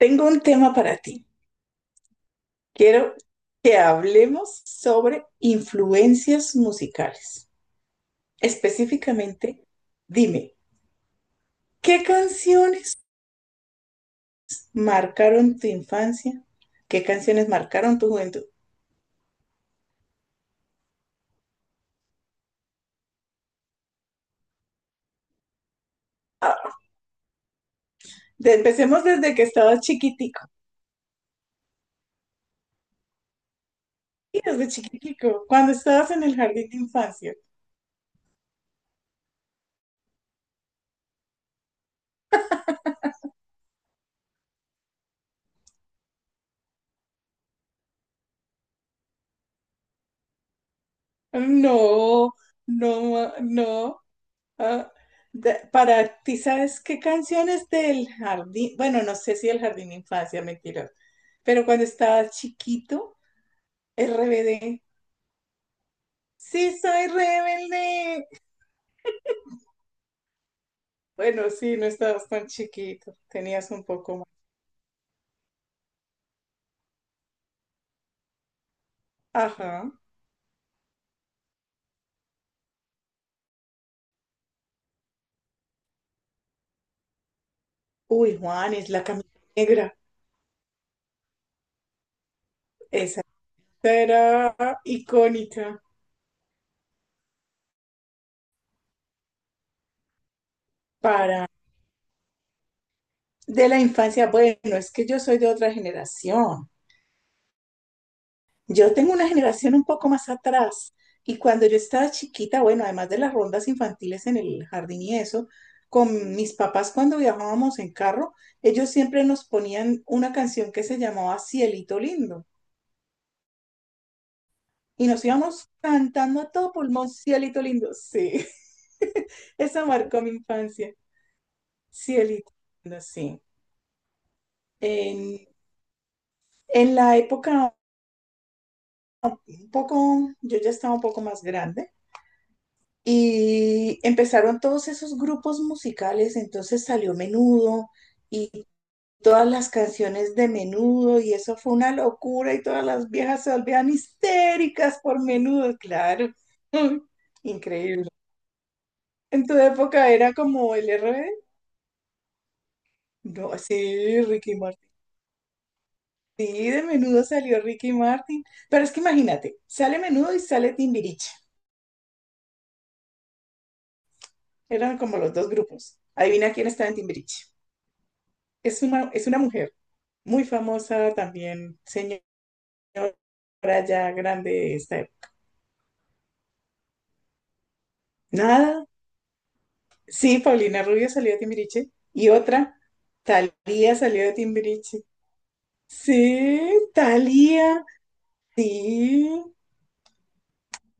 Tengo un tema para ti. Quiero que hablemos sobre influencias musicales. Específicamente, dime, ¿qué canciones marcaron tu infancia? ¿Qué canciones marcaron tu juventud? Ah, Empecemos desde que estabas chiquitico. Sí, desde chiquitico, cuando estabas en el jardín de infancia. No, no, no. Ah, para ti, ¿sabes qué canciones del jardín? Bueno, no sé si el jardín de infancia, mentira. Pero cuando estaba chiquito, RBD. Sí, soy rebelde. Bueno, sí, no estabas tan chiquito. Tenías un poco más. Ajá. Uy, Juan, es la camisa negra. Esa era icónica para de la infancia. Bueno, es que yo soy de otra generación. Yo tengo una generación un poco más atrás y cuando yo estaba chiquita, bueno, además de las rondas infantiles en el jardín y eso, con mis papás cuando viajábamos en carro, ellos siempre nos ponían una canción que se llamaba Cielito Lindo y nos íbamos cantando a todo pulmón, Cielito Lindo, sí, esa marcó mi infancia, Cielito Lindo, sí. En, en la época un poco, yo ya estaba un poco más grande. Y empezaron todos esos grupos musicales, entonces salió Menudo y todas las canciones de Menudo y eso fue una locura y todas las viejas se volvían histéricas por Menudo, claro. Increíble. ¿En tu época era como el RBD? No, sí, Ricky Martin. Sí, de Menudo salió Ricky Martin. Pero es que imagínate, sale Menudo y sale Timbiriche. Eran como los dos grupos. Adivina quién estaba en Timbiriche. Es una mujer. Muy famosa también, señora ya grande de esta época. Nada, sí, Paulina Rubio salió de Timbiriche. Y otra, Thalía salió de Timbiriche. Sí, Thalía, sí.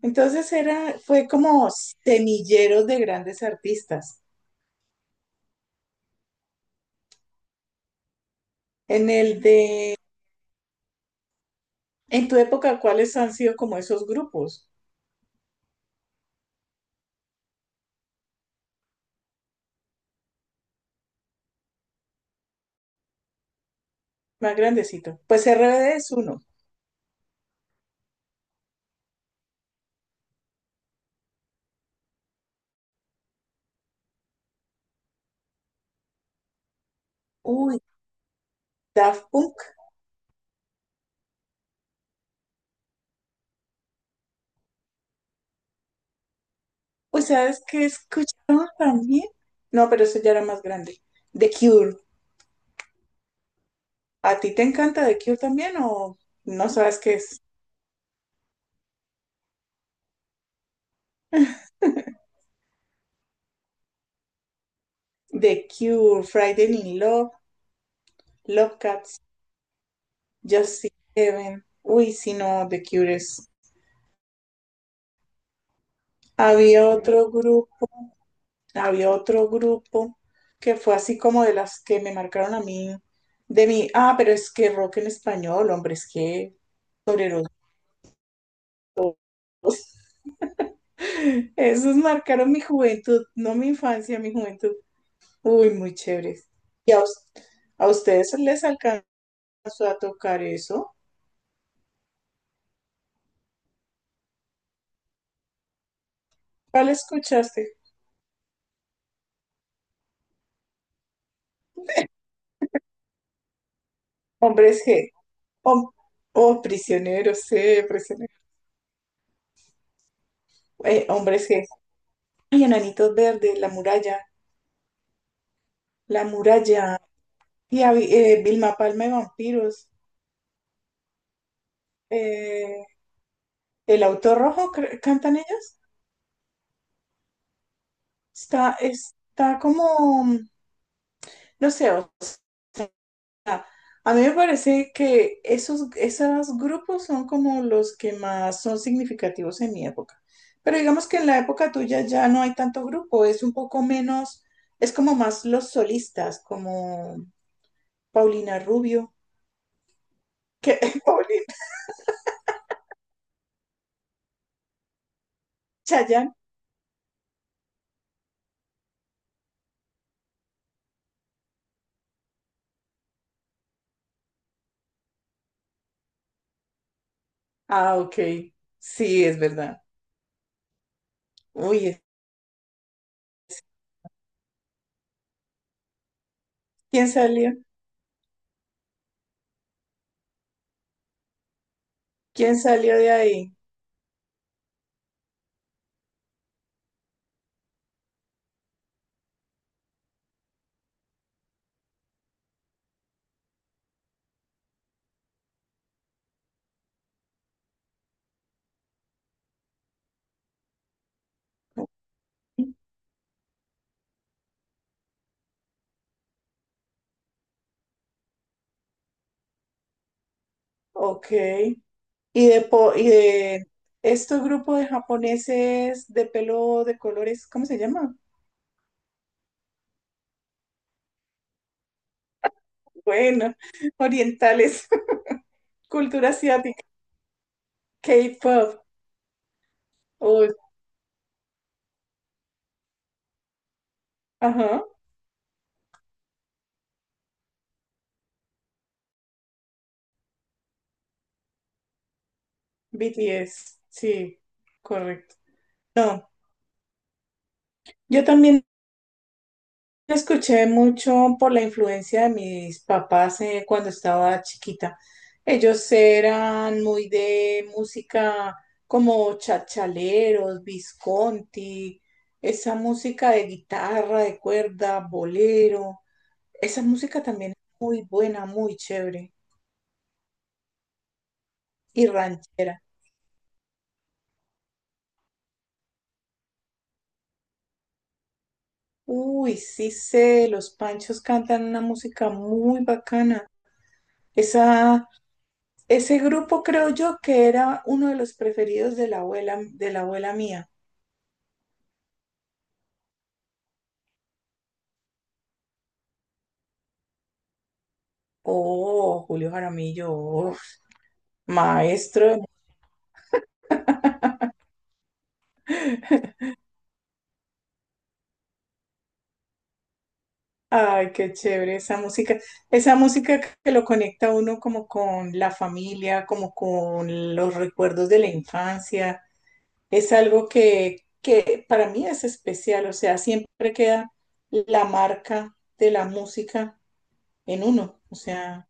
Entonces fue como semilleros de grandes artistas. En el de, en tu época, ¿cuáles han sido como esos grupos más grandecitos? Pues RBD es uno. Uy, Daft Punk. Uy, ¿sabes qué escuchaba también? No, pero eso ya era más grande. The Cure. ¿A ti te encanta The Cure también o no sabes qué es? The Cure, Friday in Love, Love Cats, Just See Heaven. Uy, si no, The Cure es. Había otro grupo, Había otro grupo que fue así como de las que me marcaron a mí, de mí. Ah, pero es que rock en español, hombre, es que sobre los dos. Esos marcaron mi juventud, no mi infancia, mi juventud. Uy, muy chévere. ¿Y a, us- ¿A ustedes les alcanzó a tocar eso? ¿Cuál escuchaste? Hombres G. Hom- oh, prisioneros, sí, prisioneros. Hombres G. Y Enanitos Verdes, La Muralla, La Muralla. Vilma Palma y Vampiros. Eh, El Auto Rojo, ¿cantan ellos? Está, está como, no sé. A mí me parece que esos grupos son como los que más son significativos en mi época. Pero digamos que en la época tuya ya no hay tanto grupo, es un poco menos, es como más los solistas, como Paulina Rubio, que Paulina Chayanne. Ah, ok. Sí, es verdad. Uy, ¿quién salió? ¿Quién salió de ahí? Ok. ¿Y de estos grupos de japoneses de pelo de colores, cómo se llama? Bueno, orientales, cultura asiática, K-pop, oh, ajá, BTS, sí, correcto. No, yo también lo escuché mucho por la influencia de mis papás cuando estaba chiquita. Ellos eran muy de música como chachaleros, Visconti, esa música de guitarra, de cuerda, bolero. Esa música también es muy buena, muy chévere y ranchera. Uy, sí sé, los Panchos cantan una música muy bacana. Esa, Ese grupo creo yo que era uno de los preferidos de la abuela mía. Oh, Julio Jaramillo, oh, maestro. Ay, qué chévere esa música. Esa música que lo conecta a uno como con la familia, como con los recuerdos de la infancia. Es algo que para mí es especial, o sea, siempre queda la marca de la música en uno. O sea,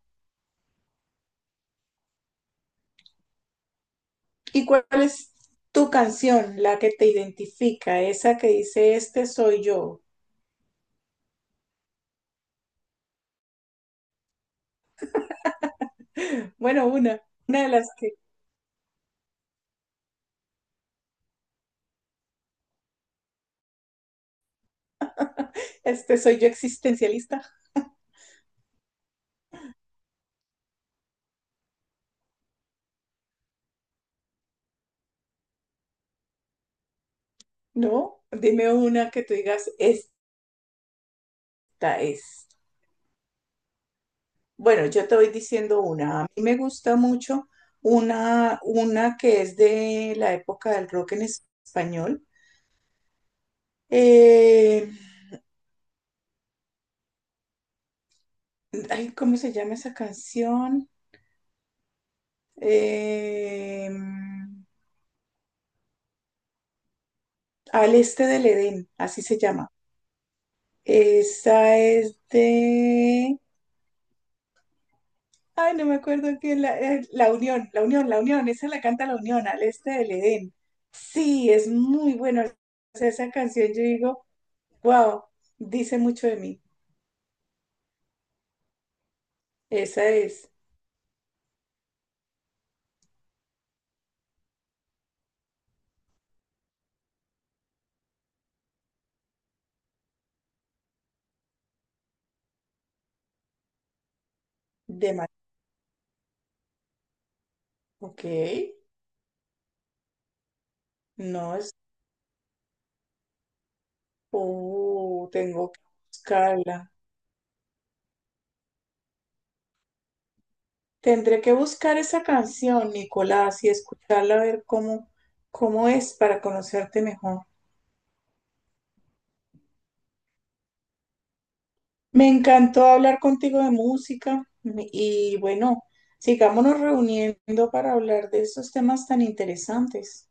¿y cuál es tu canción, la que te identifica, esa que dice, este soy yo? Bueno, una de las que, este soy yo existencialista, ¿no? Dime una que tú digas, esta es. Bueno, yo te voy diciendo una. A mí me gusta mucho una que es de la época del rock en español. Eh, Ay, ¿cómo se llama esa canción? Eh, Al este del Edén, así se llama. Esa es de... Ay, no me acuerdo qué la, la Unión, esa la canta la Unión, al este del Edén. Sí, es muy bueno. O sea, esa canción yo digo, wow, dice mucho de mí. Esa es de Ma- Ok, no es... tengo que buscarla. Tendré que buscar esa canción, Nicolás, y escucharla a ver cómo, cómo es para conocerte mejor. Me encantó hablar contigo de y bueno, sigámonos reuniendo para hablar de esos temas tan interesantes.